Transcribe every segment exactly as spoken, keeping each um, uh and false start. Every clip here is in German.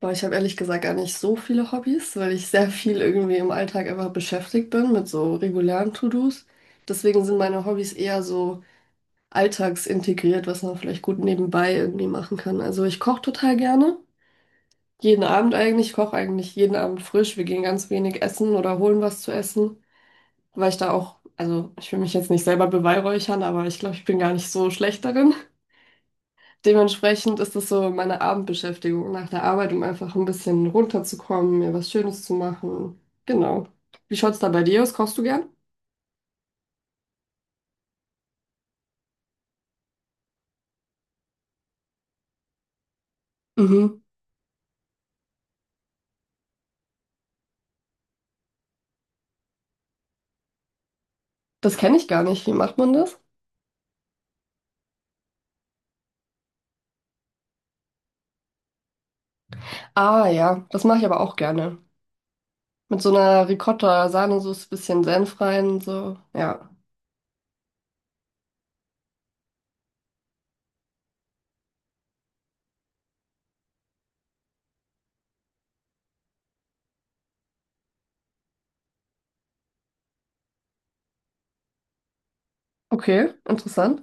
Boah, ich habe ehrlich gesagt gar nicht so viele Hobbys, weil ich sehr viel irgendwie im Alltag einfach beschäftigt bin mit so regulären To-Dos. Deswegen sind meine Hobbys eher so alltagsintegriert, was man vielleicht gut nebenbei irgendwie machen kann. Also ich koche total gerne. Jeden Abend eigentlich. Ich koche eigentlich jeden Abend frisch. Wir gehen ganz wenig essen oder holen was zu essen, weil ich da auch, also ich will mich jetzt nicht selber beweihräuchern, aber ich glaube, ich bin gar nicht so schlecht darin. Dementsprechend ist das so meine Abendbeschäftigung nach der Arbeit, um einfach ein bisschen runterzukommen, mir was Schönes zu machen. Genau. Wie schaut's da bei dir aus? Kochst du gern? Mhm. Das kenne ich gar nicht. Wie macht man das? Ah ja, das mache ich aber auch gerne. Mit so einer Ricotta-Sahnesoße, bisschen Senf rein und so. Ja. Okay, interessant.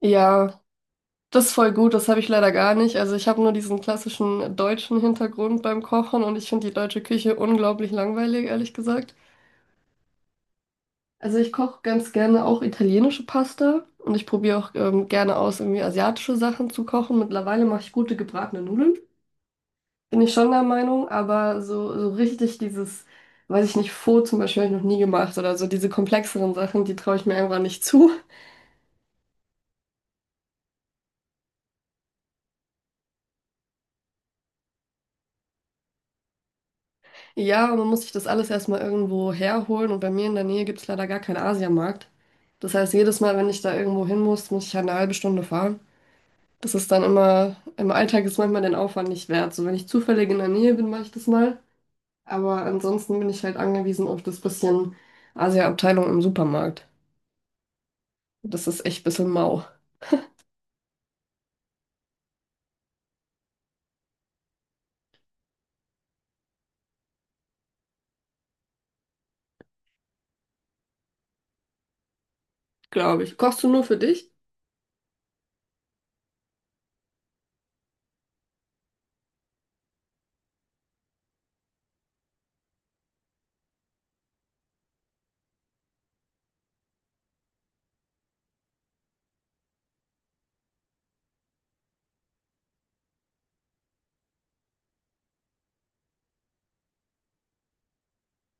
Ja, das ist voll gut. Das habe ich leider gar nicht. Also ich habe nur diesen klassischen deutschen Hintergrund beim Kochen und ich finde die deutsche Küche unglaublich langweilig, ehrlich gesagt. Also ich koche ganz gerne auch italienische Pasta und ich probiere auch ähm, gerne aus, irgendwie asiatische Sachen zu kochen. Mittlerweile mache ich gute gebratene Nudeln, bin ich schon der Meinung, aber so, so richtig dieses, weiß ich nicht, Pho zum Beispiel habe ich noch nie gemacht oder so diese komplexeren Sachen, die traue ich mir einfach nicht zu. Ja, und man muss sich das alles erstmal irgendwo herholen und bei mir in der Nähe gibt es leider gar keinen Asiamarkt. Das heißt, jedes Mal, wenn ich da irgendwo hin muss, muss ich halt eine halbe Stunde fahren. Das ist dann immer, im Alltag ist manchmal den Aufwand nicht wert. So, wenn ich zufällig in der Nähe bin, mache ich das mal. Aber ansonsten bin ich halt angewiesen auf das bisschen Asia-Abteilung im Supermarkt. Das ist echt ein bisschen mau, glaube ich. Kochst du nur für dich?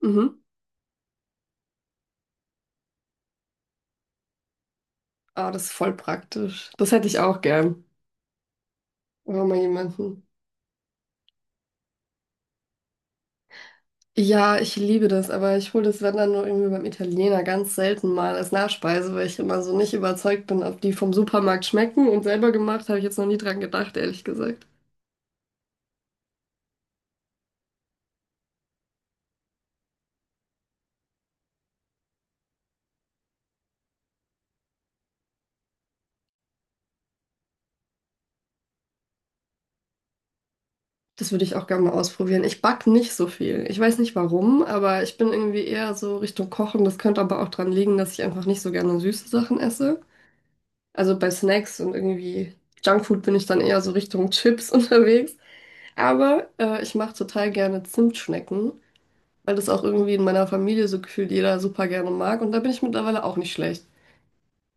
Mhm. Ah, das ist voll praktisch. Das hätte ich auch gern. Oder mal jemanden. Ja, ich liebe das, aber ich hole das, wenn dann nur irgendwie beim Italiener ganz selten mal als Nachspeise, weil ich immer so nicht überzeugt bin, ob die vom Supermarkt schmecken. Und selber gemacht habe ich jetzt noch nie dran gedacht, ehrlich gesagt. Das würde ich auch gerne mal ausprobieren. Ich back nicht so viel. Ich weiß nicht warum, aber ich bin irgendwie eher so Richtung Kochen. Das könnte aber auch dran liegen, dass ich einfach nicht so gerne süße Sachen esse. Also bei Snacks und irgendwie Junkfood bin ich dann eher so Richtung Chips unterwegs. Aber äh, ich mache total gerne Zimtschnecken, weil das auch irgendwie in meiner Familie so gefühlt jeder super gerne mag. Und da bin ich mittlerweile auch nicht schlecht.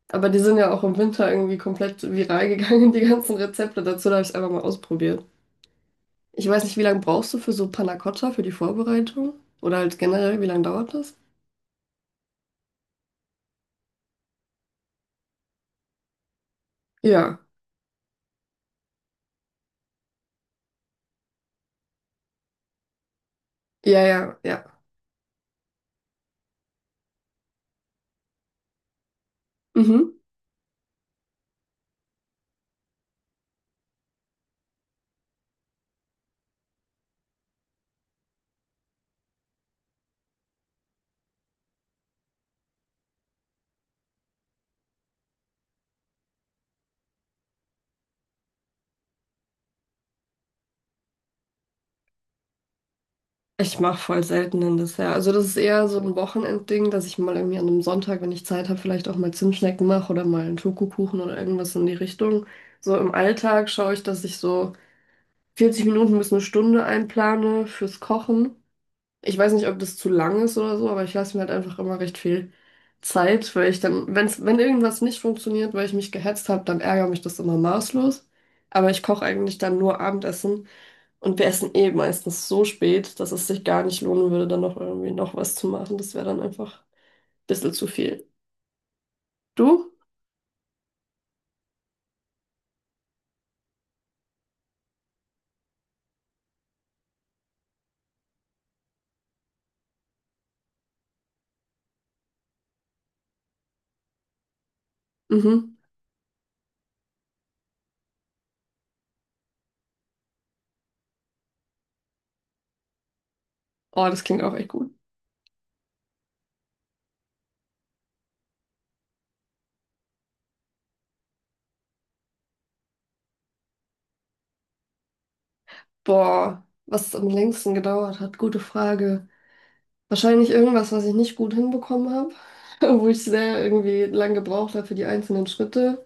Aber die sind ja auch im Winter irgendwie komplett viral gegangen, die ganzen Rezepte dazu. Da habe ich es einfach mal ausprobiert. Ich weiß nicht, wie lange brauchst du für so Panna Cotta, für die Vorbereitung? Oder halt generell, wie lange dauert das? Ja, ja, ja, ja. Mhm. Ich mache voll selten ein Dessert. Also das ist eher so ein Wochenendding, dass ich mal irgendwie an einem Sonntag, wenn ich Zeit habe, vielleicht auch mal Zimtschnecken mache oder mal einen Schokokuchen oder irgendwas in die Richtung. So im Alltag schaue ich, dass ich so vierzig Minuten bis eine Stunde einplane fürs Kochen. Ich weiß nicht, ob das zu lang ist oder so, aber ich lasse mir halt einfach immer recht viel Zeit, weil ich dann, wenn's, wenn irgendwas nicht funktioniert, weil ich mich gehetzt habe, dann ärgert mich das immer maßlos. Aber ich koche eigentlich dann nur Abendessen und wir essen eh meistens so spät, dass es sich gar nicht lohnen würde, dann noch irgendwie noch was zu machen. Das wäre dann einfach ein bisschen zu viel. Du? Mhm. Oh, das klingt auch echt gut. Boah, was es am längsten gedauert hat, gute Frage. Wahrscheinlich irgendwas, was ich nicht gut hinbekommen habe, wo ich sehr irgendwie lang gebraucht habe für die einzelnen Schritte.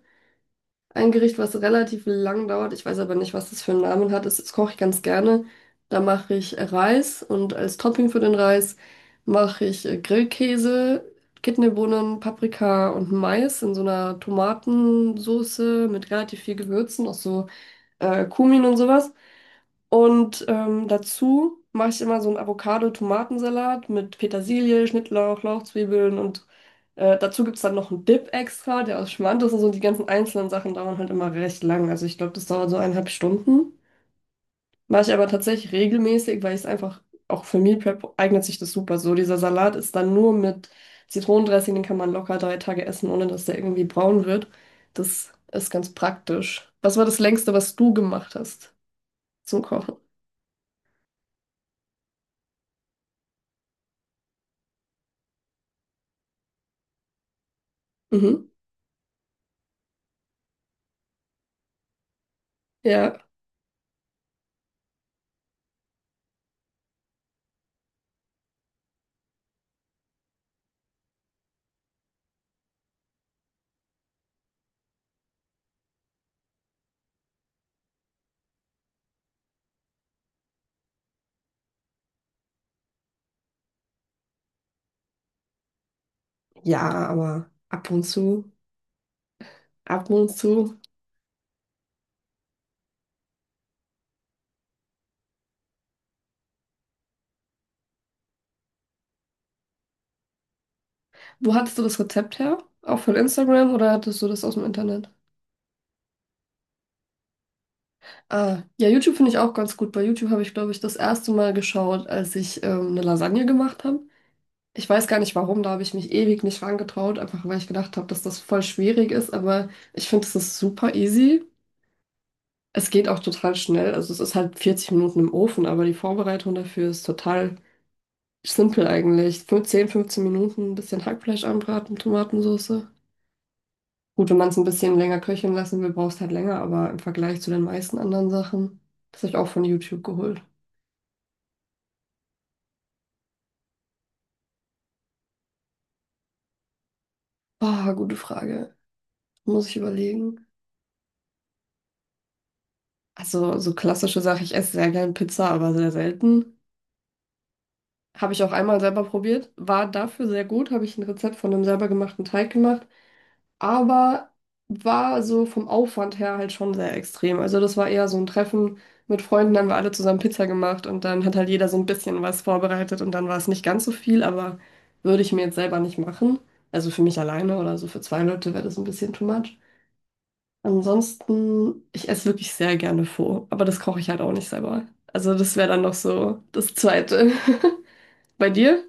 Ein Gericht, was relativ lang dauert, ich weiß aber nicht, was das für einen Namen hat, das, das koche ich ganz gerne. Da mache ich Reis und als Topping für den Reis mache ich äh, Grillkäse, Kidneybohnen, Paprika und Mais in so einer Tomatensoße mit relativ viel Gewürzen, auch so äh, Kumin und sowas. Und ähm, dazu mache ich immer so einen Avocado-Tomatensalat mit Petersilie, Schnittlauch, Lauchzwiebeln und äh, dazu gibt es dann noch einen Dip extra, der aus Schmand ist und so. Die ganzen einzelnen Sachen dauern halt immer recht lang. Also ich glaube, das dauert so eineinhalb Stunden. Mache ich aber tatsächlich regelmäßig, weil ich es einfach, auch für Meal Prep eignet sich das super so. Dieser Salat ist dann nur mit Zitronendressing, den kann man locker drei Tage essen, ohne dass der irgendwie braun wird. Das ist ganz praktisch. Was war das Längste, was du gemacht hast zum Kochen? Mhm. Ja. Ja, aber ab und zu, ab und zu. Wo hattest du das Rezept her? Auch von Instagram oder hattest du das aus dem Internet? Ah, ja, YouTube finde ich auch ganz gut. Bei YouTube habe ich, glaube ich, das erste Mal geschaut, als ich ähm, eine Lasagne gemacht habe. Ich weiß gar nicht warum, da habe ich mich ewig nicht rangetraut, einfach weil ich gedacht habe, dass das voll schwierig ist, aber ich finde, es ist super easy. Es geht auch total schnell. Also es ist halt vierzig Minuten im Ofen, aber die Vorbereitung dafür ist total simpel eigentlich. Fün- zehn, fünfzehn Minuten ein bisschen Hackfleisch anbraten, Tomatensauce. Gut, wenn man es ein bisschen länger köcheln lassen will, brauchst halt länger, aber im Vergleich zu den meisten anderen Sachen, das habe ich auch von YouTube geholt. Ah, gute Frage. Muss ich überlegen. Also, so klassische Sache, ich esse sehr gern Pizza, aber sehr selten. Habe ich auch einmal selber probiert, war dafür sehr gut, habe ich ein Rezept von einem selber gemachten Teig gemacht. aber war so vom Aufwand her halt schon sehr extrem. Also das war eher so ein Treffen mit Freunden, dann haben wir alle zusammen Pizza gemacht und dann hat halt jeder so ein bisschen was vorbereitet und dann war es nicht ganz so viel, aber würde ich mir jetzt selber nicht machen. Also für mich alleine oder so für zwei Leute wäre das ein bisschen too much. Ansonsten, ich esse wirklich sehr gerne Pho, aber das koche ich halt auch nicht selber. Also das wäre dann noch so das Zweite. Bei dir?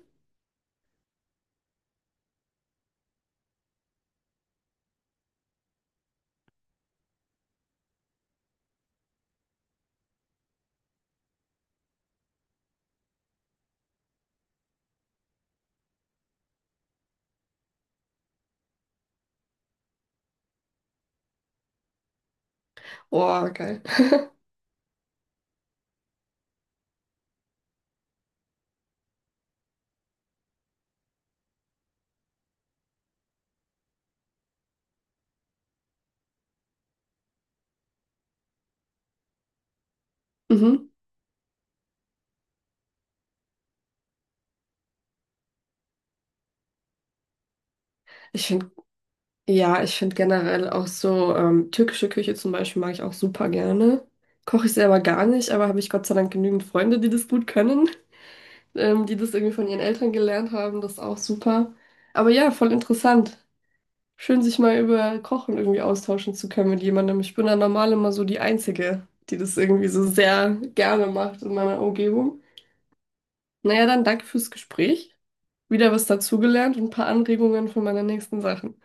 Oh, geil. Mhm. Ich finde Ja, ich finde generell auch so ähm, türkische Küche zum Beispiel mag ich auch super gerne. Koche ich selber gar nicht, aber habe ich Gott sei Dank genügend Freunde, die das gut können, ähm, die das irgendwie von ihren Eltern gelernt haben. Das ist auch super. Aber ja, voll interessant. Schön, sich mal über Kochen irgendwie austauschen zu können mit jemandem. Ich bin da normal immer so die Einzige, die das irgendwie so sehr gerne macht in meiner Umgebung. Naja, dann danke fürs Gespräch. Wieder was dazugelernt und ein paar Anregungen für meine nächsten Sachen.